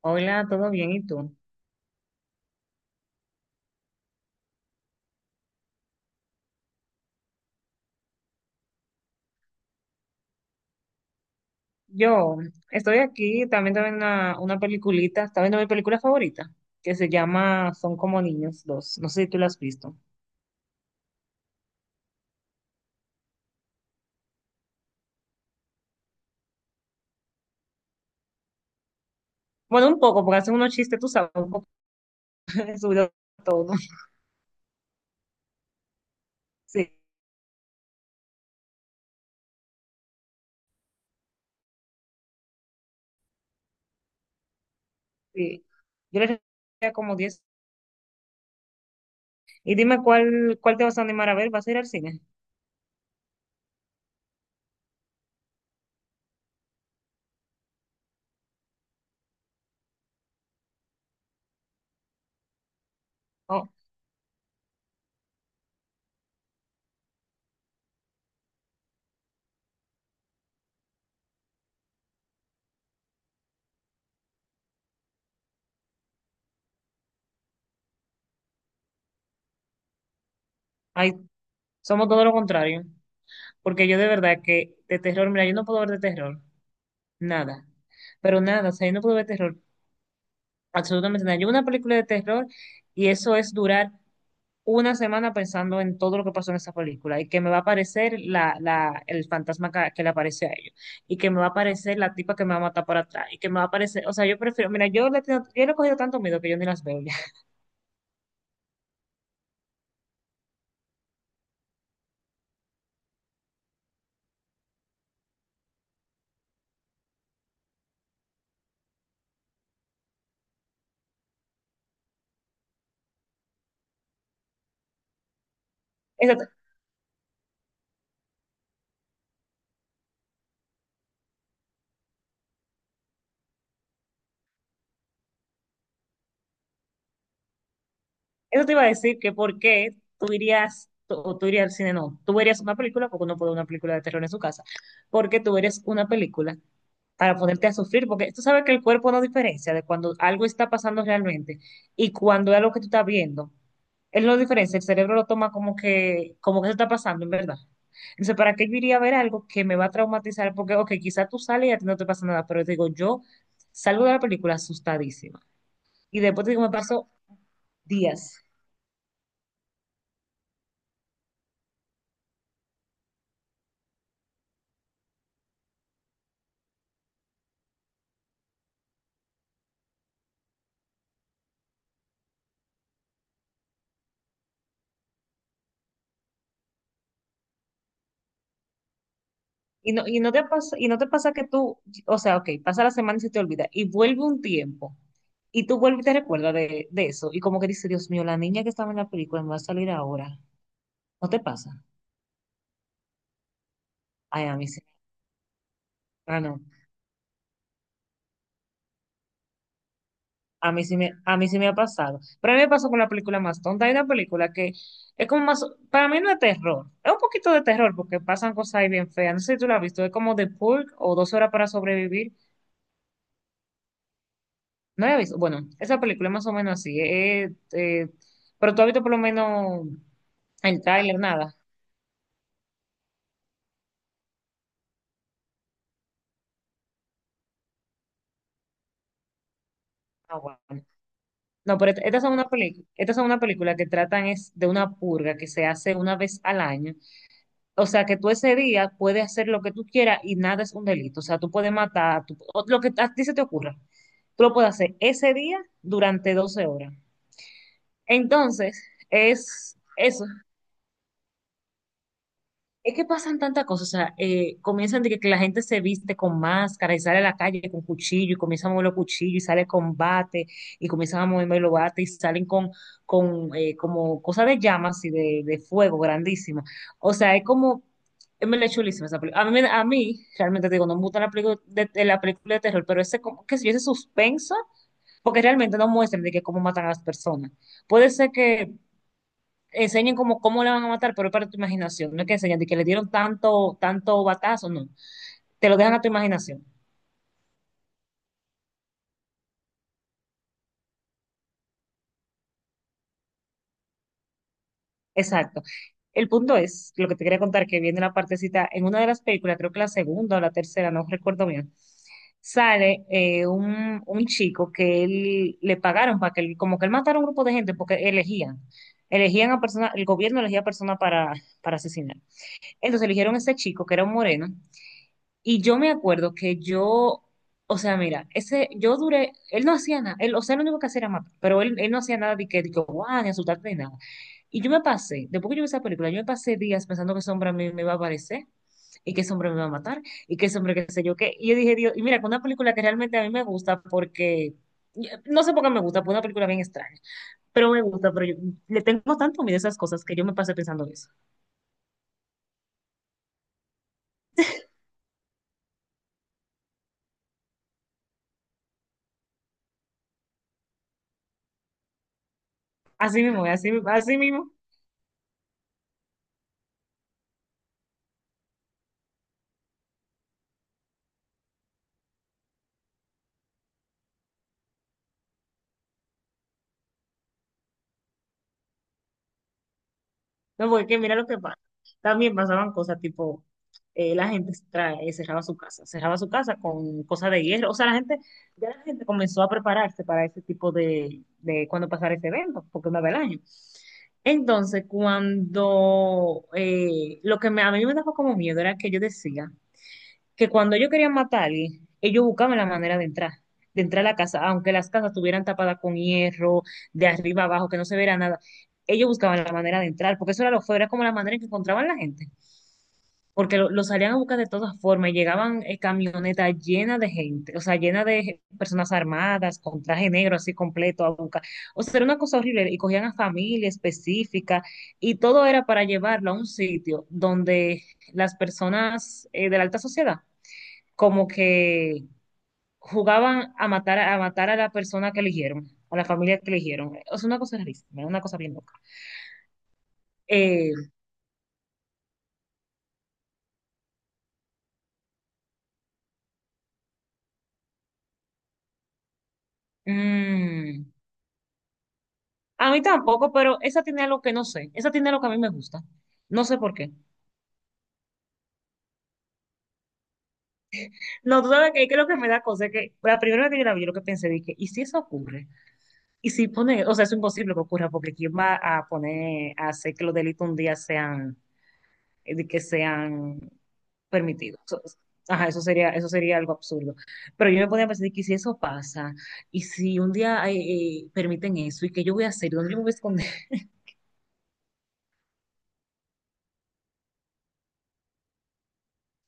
Hola, ¿todo bien? ¿Y tú? Yo estoy aquí, también viendo una peliculita, está viendo mi película favorita, que se llama Son como niños dos. No sé si tú la has visto. Bueno, un poco, porque hacen unos chistes, tú sabes, un poco subido todo, ¿no? Sí, sí. Yo le diría como 10. Y dime cuál te vas a animar a ver, ¿vas a ir al cine? No, ay, somos todo lo contrario, porque yo de verdad que de terror, mira, yo no puedo ver de terror, nada, pero nada, o sea, yo no puedo ver terror. Absolutamente nada. Yo una película de terror y eso es durar una semana pensando en todo lo que pasó en esa película y que me va a aparecer el fantasma que le aparece a ellos y que me va a aparecer la tipa que me va a matar por atrás y que me va a aparecer, o sea, yo prefiero, mira, yo le he cogido tanto miedo que yo ni las veo ya. Eso te iba a decir que por qué tú irías, o tú irías al cine, no, tú verías una película, porque uno puede ver una película de terror en su casa, porque tú verías una película para ponerte a sufrir, porque tú sabes que el cuerpo no diferencia de cuando algo está pasando realmente y cuando es algo que tú estás viendo. Él no diferencia, el cerebro lo toma como que se está pasando, en verdad. Entonces, ¿para qué yo iría a ver algo que me va a traumatizar? Porque, ok, quizás tú sales y a ti no te pasa nada, pero te digo, yo salgo de la película asustadísima. Y después te digo, me pasó días. ¿Y no te pasa que tú, o sea, ok, pasa la semana y se te olvida, y vuelve un tiempo, y tú vuelves y te recuerdas de eso, y como que dices, Dios mío, la niña que estaba en la película me va a salir ahora? ¿No te pasa? Ay, a mí sí. Ah, no. A mí sí me ha pasado. Pero a mí me pasó con la película más tonta. Hay una película que es como más, para mí no es terror, es un poquito de terror porque pasan cosas ahí bien feas. No sé si tú la has visto, es como The Purge o Dos horas para sobrevivir. No la he visto. Bueno, esa película es más o menos así. Pero tú has visto por lo menos el tráiler, nada. Ah, bueno. No, pero estas son una película que tratan es de una purga que se hace una vez al año. O sea, que tú ese día puedes hacer lo que tú quieras y nada es un delito. O sea, tú puedes matar, o lo que a ti se te ocurra. Tú lo puedes hacer ese día durante 12 horas. Entonces, es eso. Es que pasan tantas cosas, o sea, comienzan que la gente se viste con máscara y sale a la calle con cuchillo y comienza a mover los cuchillos y sale con bate y comienzan a moverme los bates y salen con como cosas de llamas y de fuego grandísima. O sea, es como, es me chulísima esa película. A mí, a mí, realmente te digo, no me gusta la película de la película de terror, pero ese, como, qué sé yo, ese suspenso, porque realmente no muestran de que cómo matan a las personas. Puede ser que enseñen cómo le van a matar, pero es para tu imaginación. No es que enseñen de que le dieron tanto, tanto batazo, no. Te lo dejan a tu imaginación. Exacto. El punto es, lo que te quería contar, que viene la partecita, en una de las películas, creo que la segunda o la tercera, no recuerdo bien, sale un chico que él le pagaron para que él, como que él matara a un grupo de gente porque elegían. Elegían a personas, el gobierno elegía a personas para asesinar. Entonces eligieron a este chico que era un moreno. Y yo me acuerdo que yo, o sea, mira, ese, yo duré, él no hacía nada, él, o sea, lo único que hacía era matar, pero él no hacía nada de que, guau, ni asustarte ni nada. Y yo me pasé, después que yo vi esa película, yo me pasé días pensando que ese hombre a mí me iba a aparecer, y que ese hombre me va a matar, y que ese hombre qué sé yo qué. Y yo dije, Dios, y mira, con una película que realmente a mí me gusta porque, no sé por qué me gusta, porque es una película bien extraña, pero me gusta, pero yo le tengo tanto miedo a esas cosas que yo me pasé pensando eso. Así mismo, así, así mismo. No, porque mira lo que pasa. También pasaban cosas tipo, la gente cerraba su casa, con cosas de hierro. O sea, ya la gente comenzó a prepararse para ese tipo de cuando pasara ese evento, porque una vez al año. Entonces, cuando a mí me daba como miedo era que yo decía que cuando ellos querían matar a alguien, ellos buscaban la manera de entrar a la casa, aunque las casas estuvieran tapadas con hierro, de arriba abajo, que no se viera nada, ellos buscaban la manera de entrar, porque eso era lo feo, era como la manera en que encontraban la gente, porque lo salían a buscar de todas formas y llegaban camionetas llenas de gente, o sea, llenas de personas armadas, con traje negro así completo a buscar, o sea, era una cosa horrible, y cogían a familia específica, y todo era para llevarlo a un sitio donde las personas de la alta sociedad como que jugaban a matar a la persona que eligieron, a la familia que eligieron. Es una cosa rarísima, una cosa bien loca. Eh, mm, a mí tampoco, pero esa tiene algo que no sé. Esa tiene algo que a mí me gusta. No sé por qué. No, tú sabes que lo que me da cosa es que la primera vez que yo la vi, yo lo que pensé, dije, ¿y si eso ocurre? Y si pone, O sea, es imposible que ocurra, porque ¿quién va a poner, a hacer que los delitos un día sean permitido? Ajá, eso sería algo absurdo. Pero yo me podía pensar que si eso pasa, y si un día permiten eso, ¿y qué yo voy a hacer? ¿Dónde yo me voy a esconder?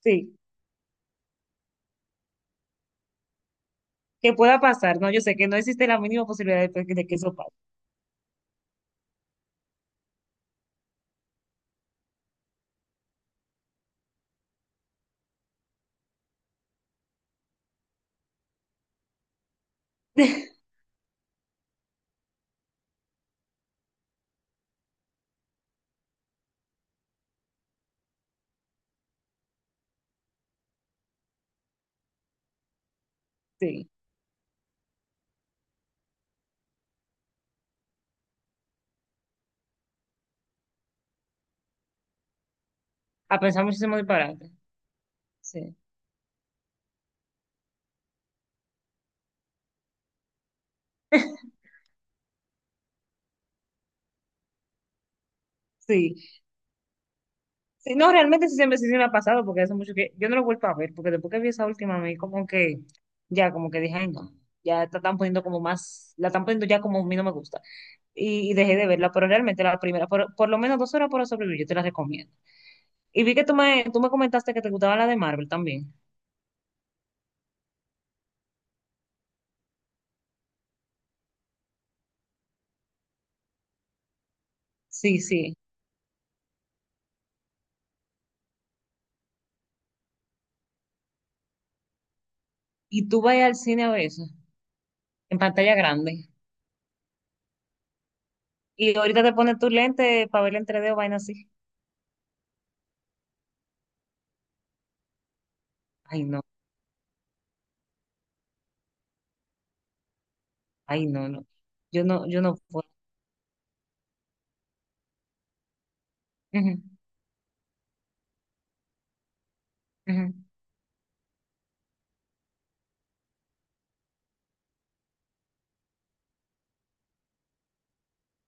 Sí, que pueda pasar, ¿no? Yo sé que no existe la mínima posibilidad de, de que eso pase. Sí, a pensar muchísimo disparate. Sí, sí. Sí, no, realmente sí siempre sí se me ha pasado, porque hace mucho que yo no lo vuelvo a ver, porque después que vi esa última, me como que, ya, como que dije, ay, no, ya la están poniendo como más, la están poniendo ya como a mí no me gusta. Y dejé de verla, pero realmente la primera, por lo menos dos horas para sobrevivir, yo te la recomiendo. Y vi que tú me comentaste que te gustaba la de Marvel también. Sí, sí. Y tú vas al cine a veces, en pantalla grande. Y ahorita te pones tu lente para ver en 3D o vaina así. Ay, no, ay, no, no. Yo no puedo. Ujú, ujú.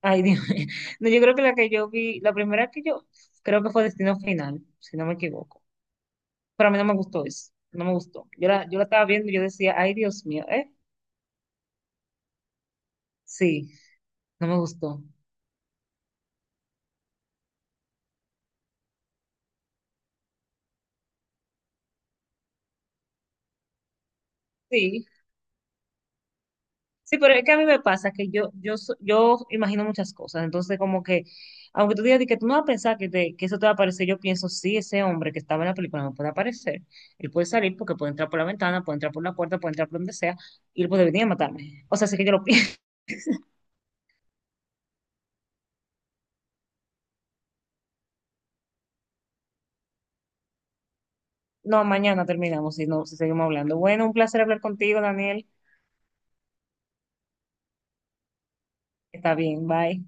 Ay, Dios mío. No, yo creo que la que yo vi, la primera que yo, creo que fue Destino Final, si no me equivoco. Pero a mí no me gustó eso, no me gustó. Yo la estaba viendo y yo decía, ay, Dios mío, ¿eh? Sí. No me gustó. Sí, sí, pero es que a mí me pasa que yo imagino muchas cosas, entonces como que, aunque tú digas de que tú no vas a pensar que eso te va a aparecer, yo pienso, sí, ese hombre que estaba en la película no puede aparecer, él puede salir porque puede entrar por la ventana, puede entrar por la puerta, puede entrar por donde sea, y él puede venir a matarme. O sea, sí que yo lo pienso. No, mañana terminamos, si no, si seguimos hablando. Bueno, un placer hablar contigo, Daniel. Está bien, bye.